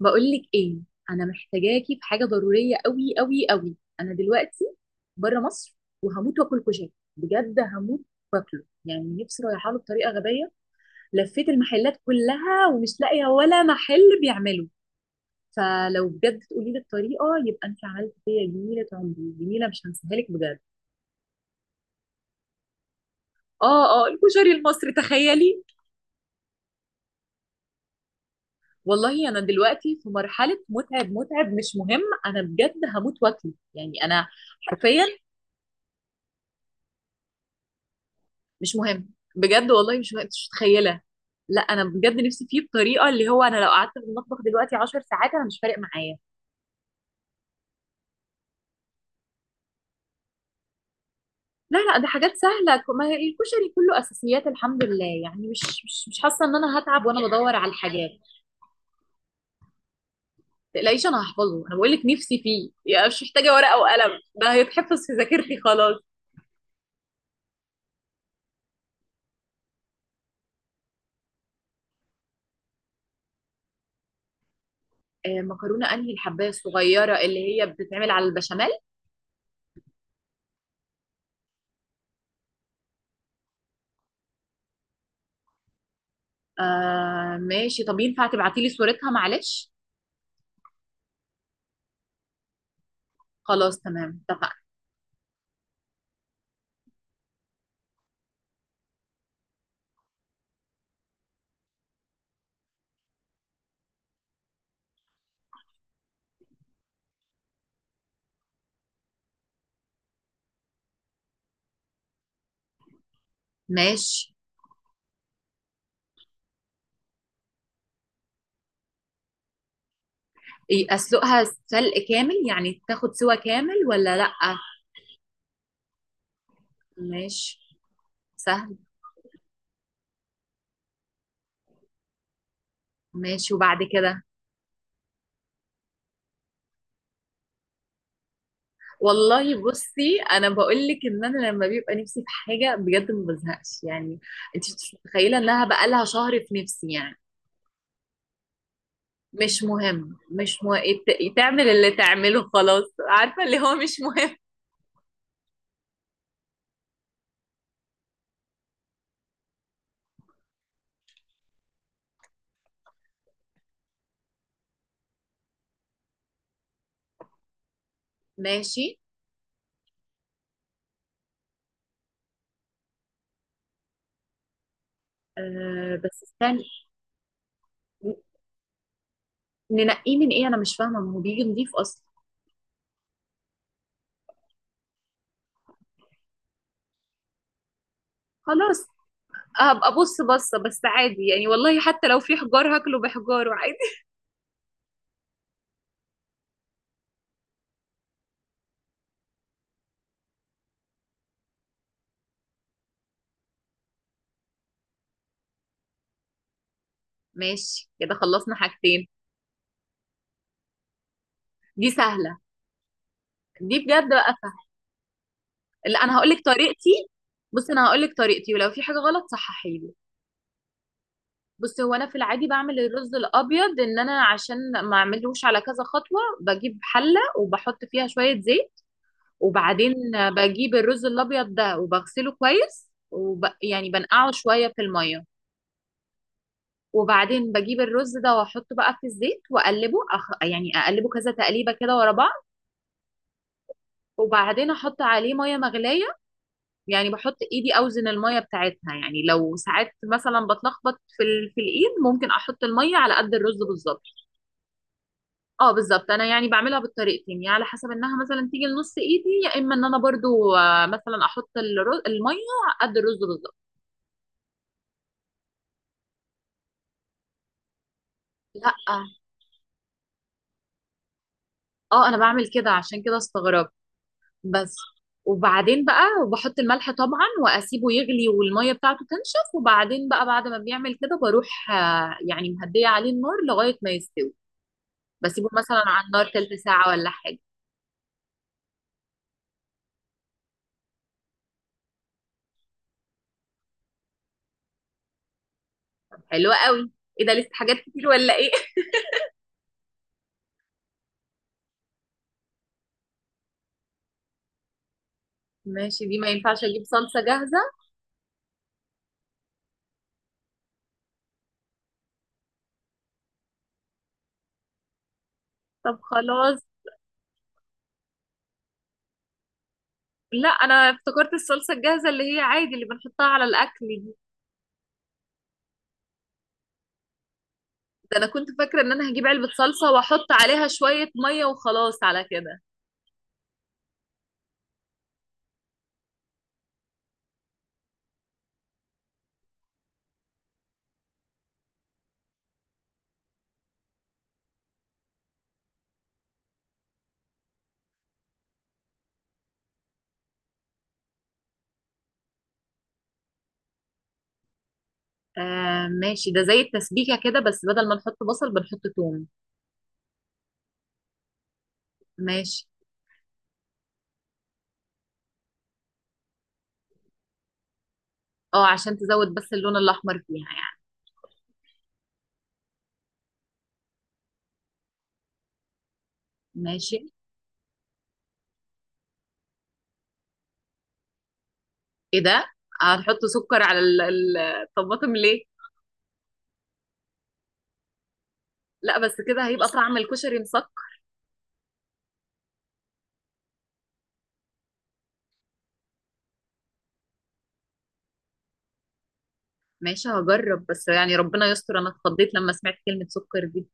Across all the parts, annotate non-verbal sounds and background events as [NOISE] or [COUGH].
بقولك ايه؟ انا محتاجاكي في حاجه ضروريه قوي قوي قوي. انا دلوقتي بره مصر وهموت واكل كشري، بجد هموت واكله يعني، نفسي رايحه له بطريقه غبيه. لفيت المحلات كلها ومش لاقيه ولا محل بيعمله، فلو بجد تقولي لي الطريقه يبقى انت عملت فيا جميله، عمري جميله مش هنساها لك بجد. اه اه، الكشري المصري، تخيلي. والله انا دلوقتي في مرحله متعب متعب مش مهم، انا بجد هموت واكله يعني انا. حرفيا. مش مهم. بجد والله مش مهم. أنت مش متخيله. لا انا بجد نفسي فيه بطريقه اللي هو انا لو قعدت في المطبخ دلوقتي 10 ساعات انا مش فارق معايا. لا لا، ده حاجات سهله، ما هي الكشري كله اساسيات الحمد لله، يعني مش حاسه ان انا هتعب وانا بدور على الحاجات. ما تقلقيش، انا هحفظه، انا بقول لك نفسي فيه يعني، مش محتاجه ورقه وقلم، ده هيتحفظ في ذاكرتي خلاص. آه مكرونه، انهي الحبايه الصغيره اللي هي بتتعمل على البشاميل؟ آه ماشي، طب ينفع تبعتي لي صورتها معلش؟ خلاص تمام، اتفقنا. ماشي. إيه اسلقها سلق كامل يعني تاخد سوا كامل ولا لأ؟ ماشي. سهل. ماشي وبعد كده؟ والله بصي، انا بقول لك ان انا لما بيبقى نفسي في حاجه بجد ما بزهقش يعني. انت مش متخيله انها بقى لها شهر في نفسي يعني. مش مهم مش مهم، تعمل اللي تعمله خلاص، عارفه اللي هو مش مهم. ماشي. آه بس استني. ننقيه من ايه؟ انا مش فاهمه، ما هو بيجي نضيف اصلا. خلاص هبقى ابص بصه، بس عادي يعني، والله حتى لو في حجار هاكله بحجاره عادي. [LAUGHS] ماشي كده خلصنا حاجتين. دي سهله. دي بجد بقى سهلة. لا انا هقول لك طريقتي. بص انا هقول لك طريقتي ولو في حاجه غلط صححي لي. بص هو انا في العادي بعمل الرز الابيض ان انا عشان ما اعملوش على كذا خطوه، بجيب حله وبحط فيها شويه زيت، وبعدين بجيب الرز الابيض ده وبغسله كويس يعني بنقعه شويه في الميه، وبعدين بجيب الرز ده واحطه بقى في الزيت واقلبه يعني اقلبه كذا تقليبه كده ورا بعض، وبعدين احط عليه ميه مغليه، يعني بحط ايدي اوزن الميه بتاعتها، يعني لو ساعات مثلا بتلخبط في الايد ممكن احط الميه على قد الرز بالظبط. اه بالظبط، انا يعني بعملها بالطريقتين، يعني على حسب انها مثلا تيجي لنص ايدي، يا اما ان انا برضو مثلا احط الميه على قد الرز بالظبط. لا اه، انا بعمل كده عشان كده استغربت بس. وبعدين بقى بحط الملح طبعا واسيبه يغلي والميه بتاعته تنشف، وبعدين بقى بعد ما بيعمل كده بروح يعني مهديه عليه النار لغايه ما يستوي. بسيبه مثلا على النار تلت ساعه ولا حاجه. حلوه قوي. ايه ده لسه حاجات كتير ولا ايه؟ [LAUGHS] ماشي. دي ما ينفعش اجيب صلصه جاهزه؟ طب خلاص. لا انا افتكرت الصلصه الجاهزه اللي هي عادي اللي بنحطها على الاكل دي. ده انا كنت فاكره ان انا هجيب علبه صلصه واحط عليها شويه ميه وخلاص على كده. آه ماشي، ده زي التسبيكة كده بس بدل ما نحط بصل بنحط توم. ماشي. اه عشان تزود بس اللون الأحمر فيها يعني. ماشي. ايه ده، هنحط سكر على الطماطم ليه؟ لا بس كده هيبقى طعم الكشري مسكر. ماشي هجرب، بس يعني ربنا يستر، انا اتخضيت لما سمعت كلمة سكر دي.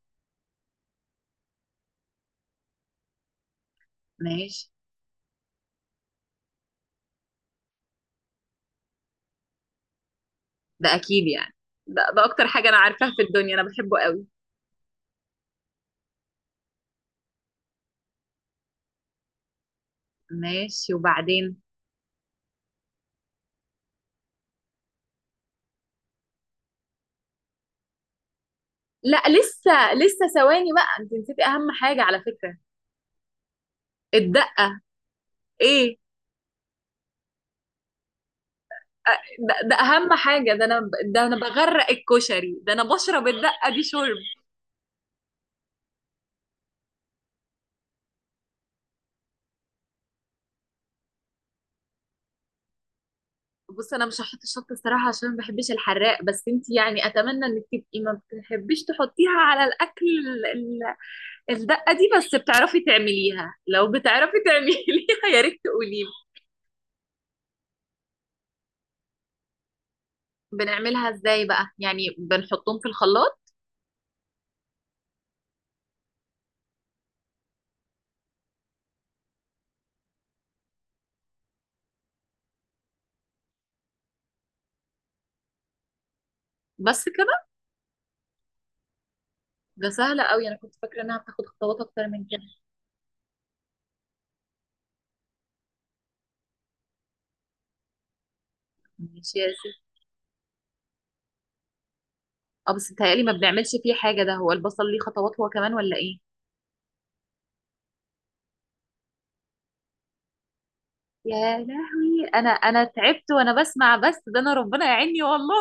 ماشي. ده اكيد يعني، ده اكتر حاجة انا عارفاها في الدنيا، انا بحبه قوي. ماشي وبعدين؟ لا لسه لسه، ثواني بقى، انت نسيتي اهم حاجة على فكرة. الدقة. ايه، ده اهم حاجه، ده انا، ده انا بغرق الكشري، ده انا بشرب الدقه دي شرب. بص انا مش هحط الشطه الصراحه عشان ما بحبش الحراق، بس انت يعني اتمنى انك تبقي ما بتحبيش تحطيها على الاكل، الدقه دي بس، بتعرفي تعمليها؟ لو بتعرفي تعمليها [LAUGHS] يا ريت تقولي لي. بنعملها ازاي بقى؟ يعني بنحطهم في الخلاط؟ بس كده؟ ده سهله قوي، انا كنت فاكره انها بتاخد خطوات اكتر من كده. ماشي يا ستي. اه بس بيتهيألي ما بنعملش فيه حاجه، ده هو البصل ليه خطوات هو كمان ولا ايه؟ يا لهوي، انا تعبت وانا بسمع بس، ده انا ربنا يعيني والله.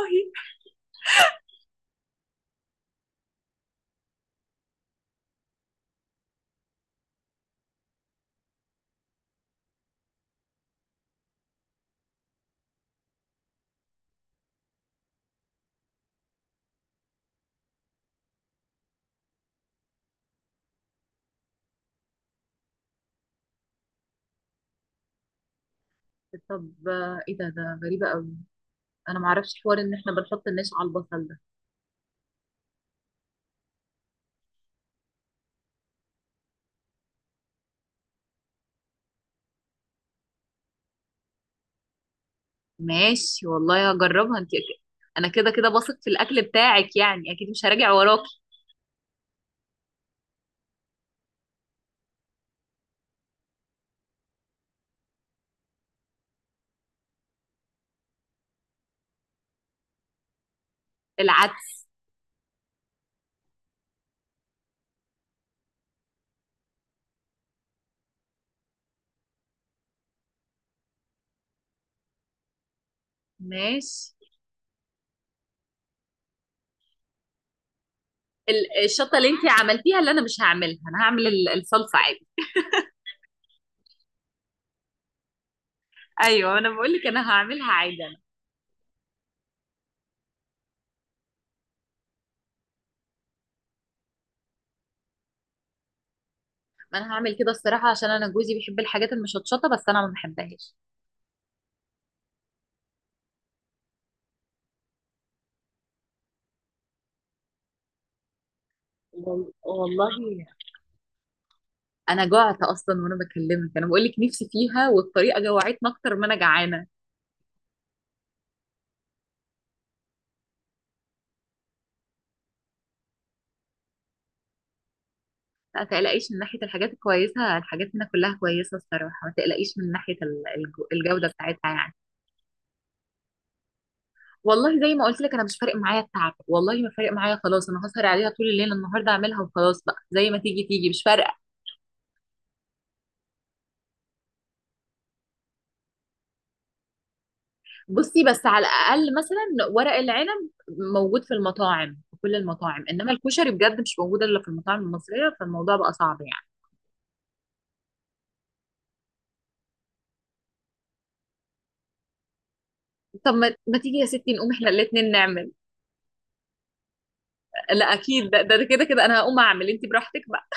طب ايه ده، ده غريبة قوي، انا معرفش حوار ان احنا بنحط النشا على البصل ده. ماشي والله هجربها انت، انا كده كده بثق في الاكل بتاعك، يعني اكيد مش هراجع وراكي. العدس. ماشي. الشطه اللي انت عملتيها اللي انا مش هعملها، انا هعمل الصلصه عادي. ايوه انا بقول لك انا هعملها عادي انا. ما انا هعمل كده الصراحة عشان انا جوزي بيحب الحاجات المشطشطة بس انا ما بحبهاش. والله انا جعت اصلا وانا بكلمك، انا بقول لك نفسي فيها، والطريقه جوعتني اكتر ما انا جعانه. لا تقلقيش من ناحيه الحاجات الكويسه، الحاجات هنا كلها كويسه الصراحه، ما تقلقيش من ناحيه الجوده بتاعتها يعني. والله زي ما قلت لك انا مش فارق معايا التعب، والله ما فارق معايا خلاص، انا هسهر عليها طول الليل النهارده اعملها وخلاص بقى، زي ما تيجي تيجي مش فارقه. بصي بس على الاقل مثلا ورق العنب موجود في المطاعم، في كل المطاعم، انما الكشري بجد مش موجود الا في المطاعم المصريه، فالموضوع بقى صعب يعني. طب ما تيجي يا ستي نقوم احنا الاتنين نعمل؟ لا اكيد، ده كده كده انا هقوم اعمل، انت براحتك بقى.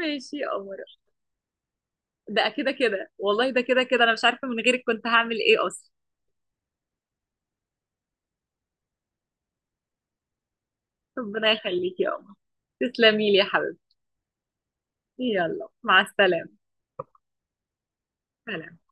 ماشي يا قمر. ده كده كده والله، ده كده كده انا مش عارفه من غيرك كنت هعمل ايه اصلا. ربنا يخليكي يا قمر، تسلمي لي يا حبيبتي. يلا مع السلامه. سلام.